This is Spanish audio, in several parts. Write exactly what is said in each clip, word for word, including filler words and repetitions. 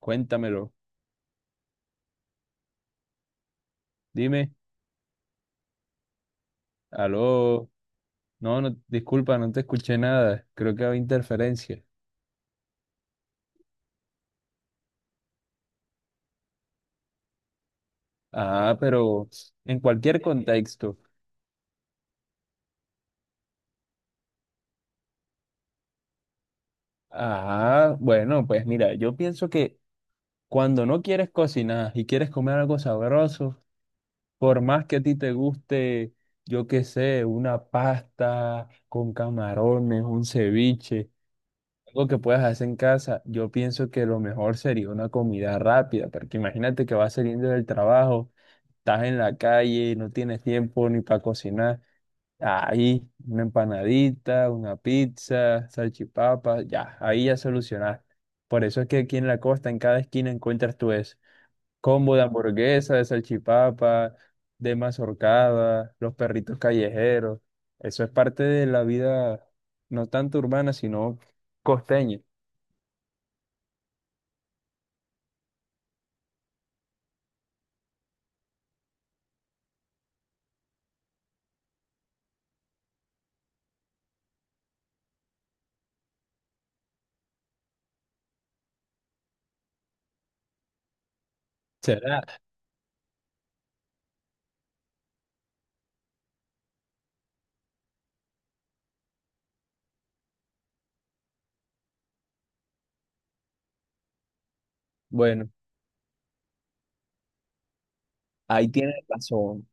Cuéntamelo. Dime. Aló. No, no, disculpa, no te escuché nada. Creo que había interferencia. Ah, pero en cualquier contexto. Ah, bueno, pues mira, yo pienso que cuando no quieres cocinar y quieres comer algo sabroso, por más que a ti te guste, yo qué sé, una pasta con camarones, un ceviche, algo que puedas hacer en casa, yo pienso que lo mejor sería una comida rápida, porque imagínate que vas saliendo del trabajo. Estás en la calle, no tienes tiempo ni para cocinar, ahí una empanadita, una pizza, salchipapas, ya, ahí ya solucionaste. Por eso es que aquí en la costa, en cada esquina encuentras tú eso. Combo de hamburguesa, de salchipapa, de mazorcada, los perritos callejeros. Eso es parte de la vida, no tanto urbana, sino costeña. ¿Será? Bueno, ahí tienes razón.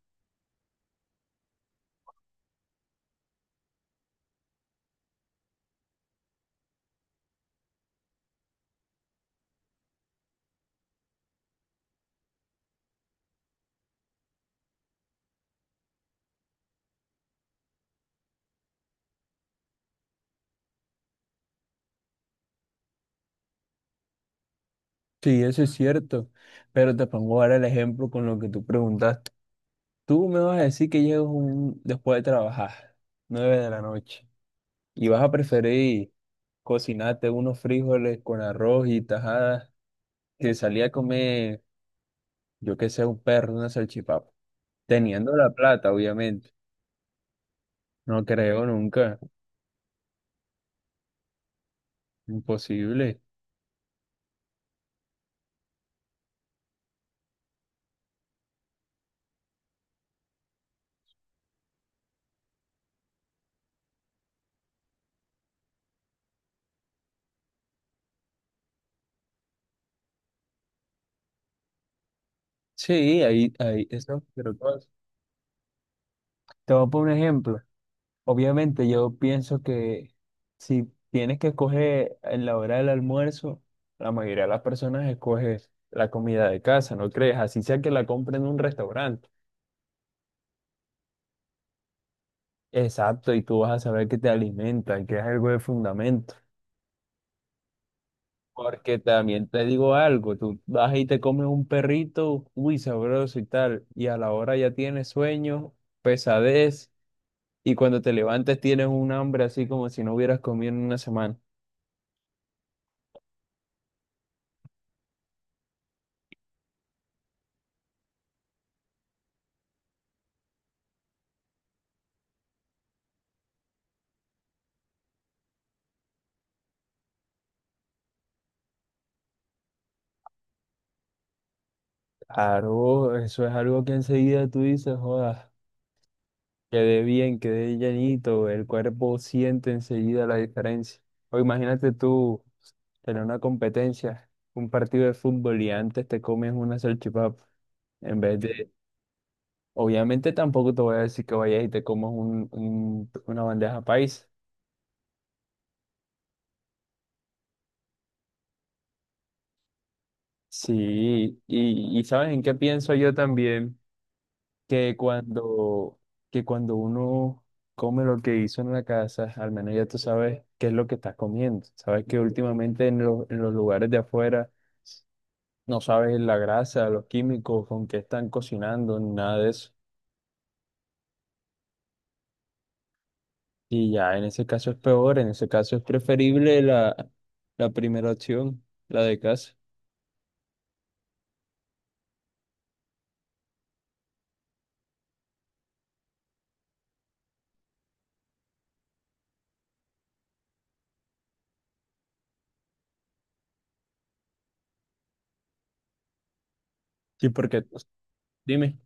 Sí, eso es cierto. Pero te pongo ahora el ejemplo con lo que tú preguntaste. Tú me vas a decir que llegas un- después de trabajar, nueve de la noche, y vas a preferir cocinarte unos frijoles con arroz y tajadas que salir a comer, yo que sé, un perro, una salchipapa. Teniendo la plata, obviamente. No creo nunca. Imposible. Sí, ahí, ahí, eso, pero todo. Te voy a poner un ejemplo. Obviamente yo pienso que si tienes que escoger en la hora del almuerzo, la mayoría de las personas escoge la comida de casa, ¿no crees? Así sea que la compren en un restaurante. Exacto, y tú vas a saber que te alimentan, que es algo de fundamento. Porque también te digo algo, tú vas y te comes un perrito, uy, sabroso y tal, y a la hora ya tienes sueño, pesadez, y cuando te levantes tienes un hambre así como si no hubieras comido en una semana. Claro, eso es algo que enseguida tú dices, joda, quedé bien, quedé llenito el cuerpo siente enseguida la diferencia. O imagínate tú tener una competencia, un partido de fútbol y antes te comes una salchipapa, en vez de, obviamente tampoco te voy a decir que vayas y te comas un, un- una bandeja paisa. Sí, y, y ¿sabes en qué pienso yo también? que cuando, que cuando uno come lo que hizo en la casa, al menos ya tú sabes qué es lo que estás comiendo. Sabes que últimamente en, los en los lugares de afuera no sabes la grasa, los químicos, con qué están cocinando, ni nada de eso. Y ya en ese caso es peor, en ese caso es preferible la, la primera opción, la de casa. Sí, porque, dime,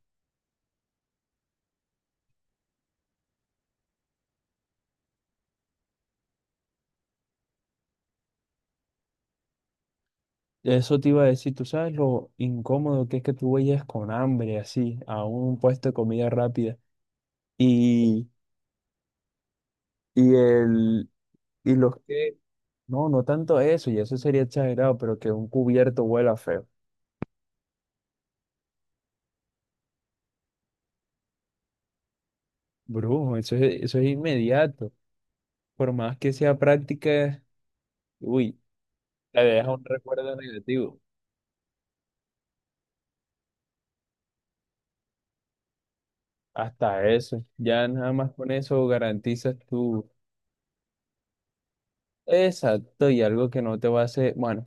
eso te iba a decir, tú sabes lo incómodo que es que tú vayas con hambre así a un puesto de comida rápida. Y Y el, y los que, no, no tanto eso, y eso sería exagerado, pero que un cubierto huela feo. Brujo, eso es, eso es inmediato. Por más que sea práctica, uy, te deja un recuerdo negativo. Hasta eso. Ya nada más con eso garantizas tu. Exacto, y algo que no te va a hacer, bueno,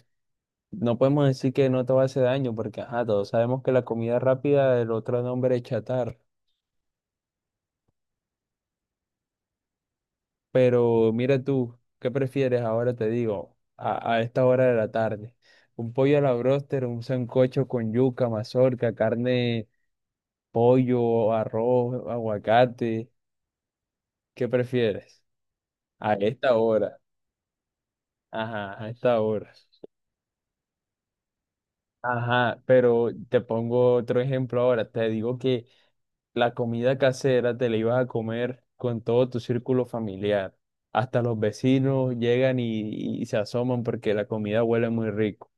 no podemos decir que no te va a hacer daño, porque ajá, todos sabemos que la comida rápida, el otro nombre es chatarra. Pero mira tú, ¿qué prefieres ahora? Te digo, a, a esta hora de la tarde. Un pollo a la bróster, un sancocho con yuca, mazorca, carne, pollo, arroz, aguacate. ¿Qué prefieres? A esta hora. Ajá, a esta hora. Ajá, pero te pongo otro ejemplo ahora. Te digo que la comida casera te la ibas a comer con todo tu círculo familiar. Hasta los vecinos llegan y, y se asoman porque la comida huele muy rico.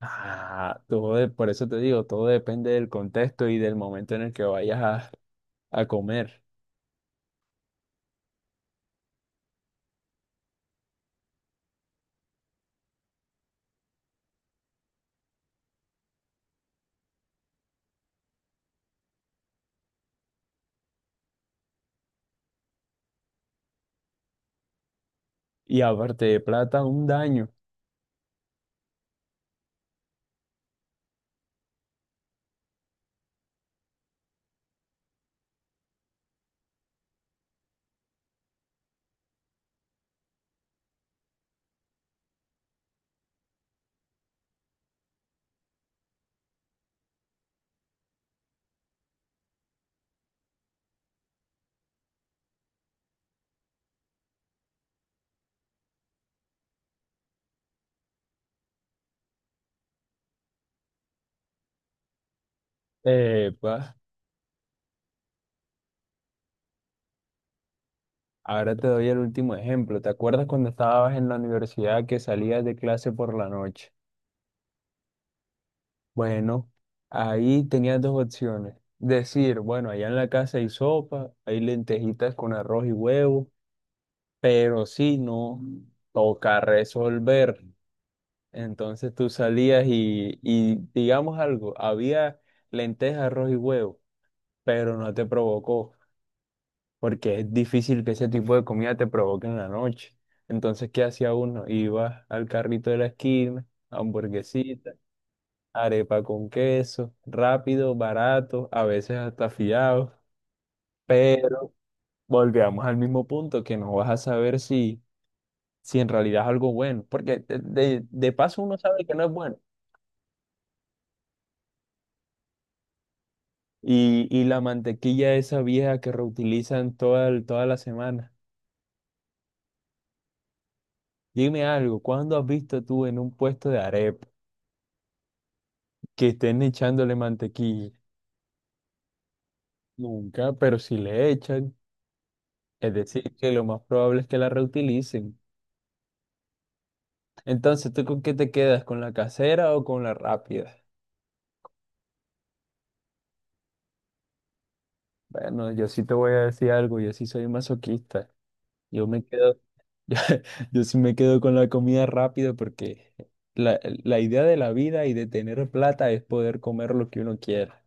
Ah, todo de- por eso te digo, todo depende del contexto y del momento en el que vayas a, a comer. Y aparte de plata, un daño. Eh, pues, ahora te doy el último ejemplo. ¿Te acuerdas cuando estabas en la universidad que salías de clase por la noche? Bueno, ahí tenías dos opciones. Decir, bueno, allá en la casa hay sopa, hay lentejitas con arroz y huevo, pero si no, toca resolver. Entonces tú salías y, y digamos algo, había lentejas, arroz y huevo, pero no te provocó, porque es difícil que ese tipo de comida te provoque en la noche. Entonces, ¿qué hacía uno? Iba al carrito de la esquina, hamburguesita, arepa con queso, rápido, barato, a veces hasta fiado, pero volvíamos al mismo punto que no vas a saber si, si en realidad es algo bueno, porque de, de de paso uno sabe que no es bueno. Y, y la mantequilla esa vieja que reutilizan toda, el- toda la semana. Dime algo, ¿cuándo has visto tú en un puesto de arepa que estén echándole mantequilla? Nunca, pero si le echan, es decir, que lo más probable es que la reutilicen. Entonces, ¿tú con qué te quedas? ¿Con la casera o con la rápida? Bueno, yo sí te voy a decir algo, yo sí soy masoquista. Yo me quedo Yo sí me quedo con la comida rápida porque la, la idea de la vida y de tener plata es poder comer lo que uno quiera.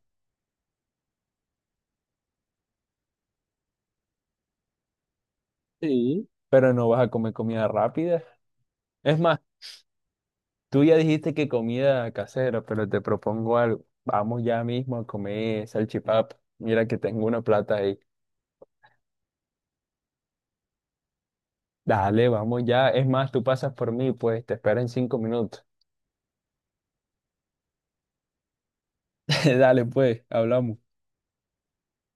Sí, pero no vas a comer comida rápida. Es más, tú ya dijiste que comida casera, pero te propongo algo. Vamos ya mismo a comer salchipapa. Mira que tengo una plata ahí. Dale, vamos ya. Es más, tú pasas por mí, pues te espero en cinco minutos. Dale, pues, hablamos.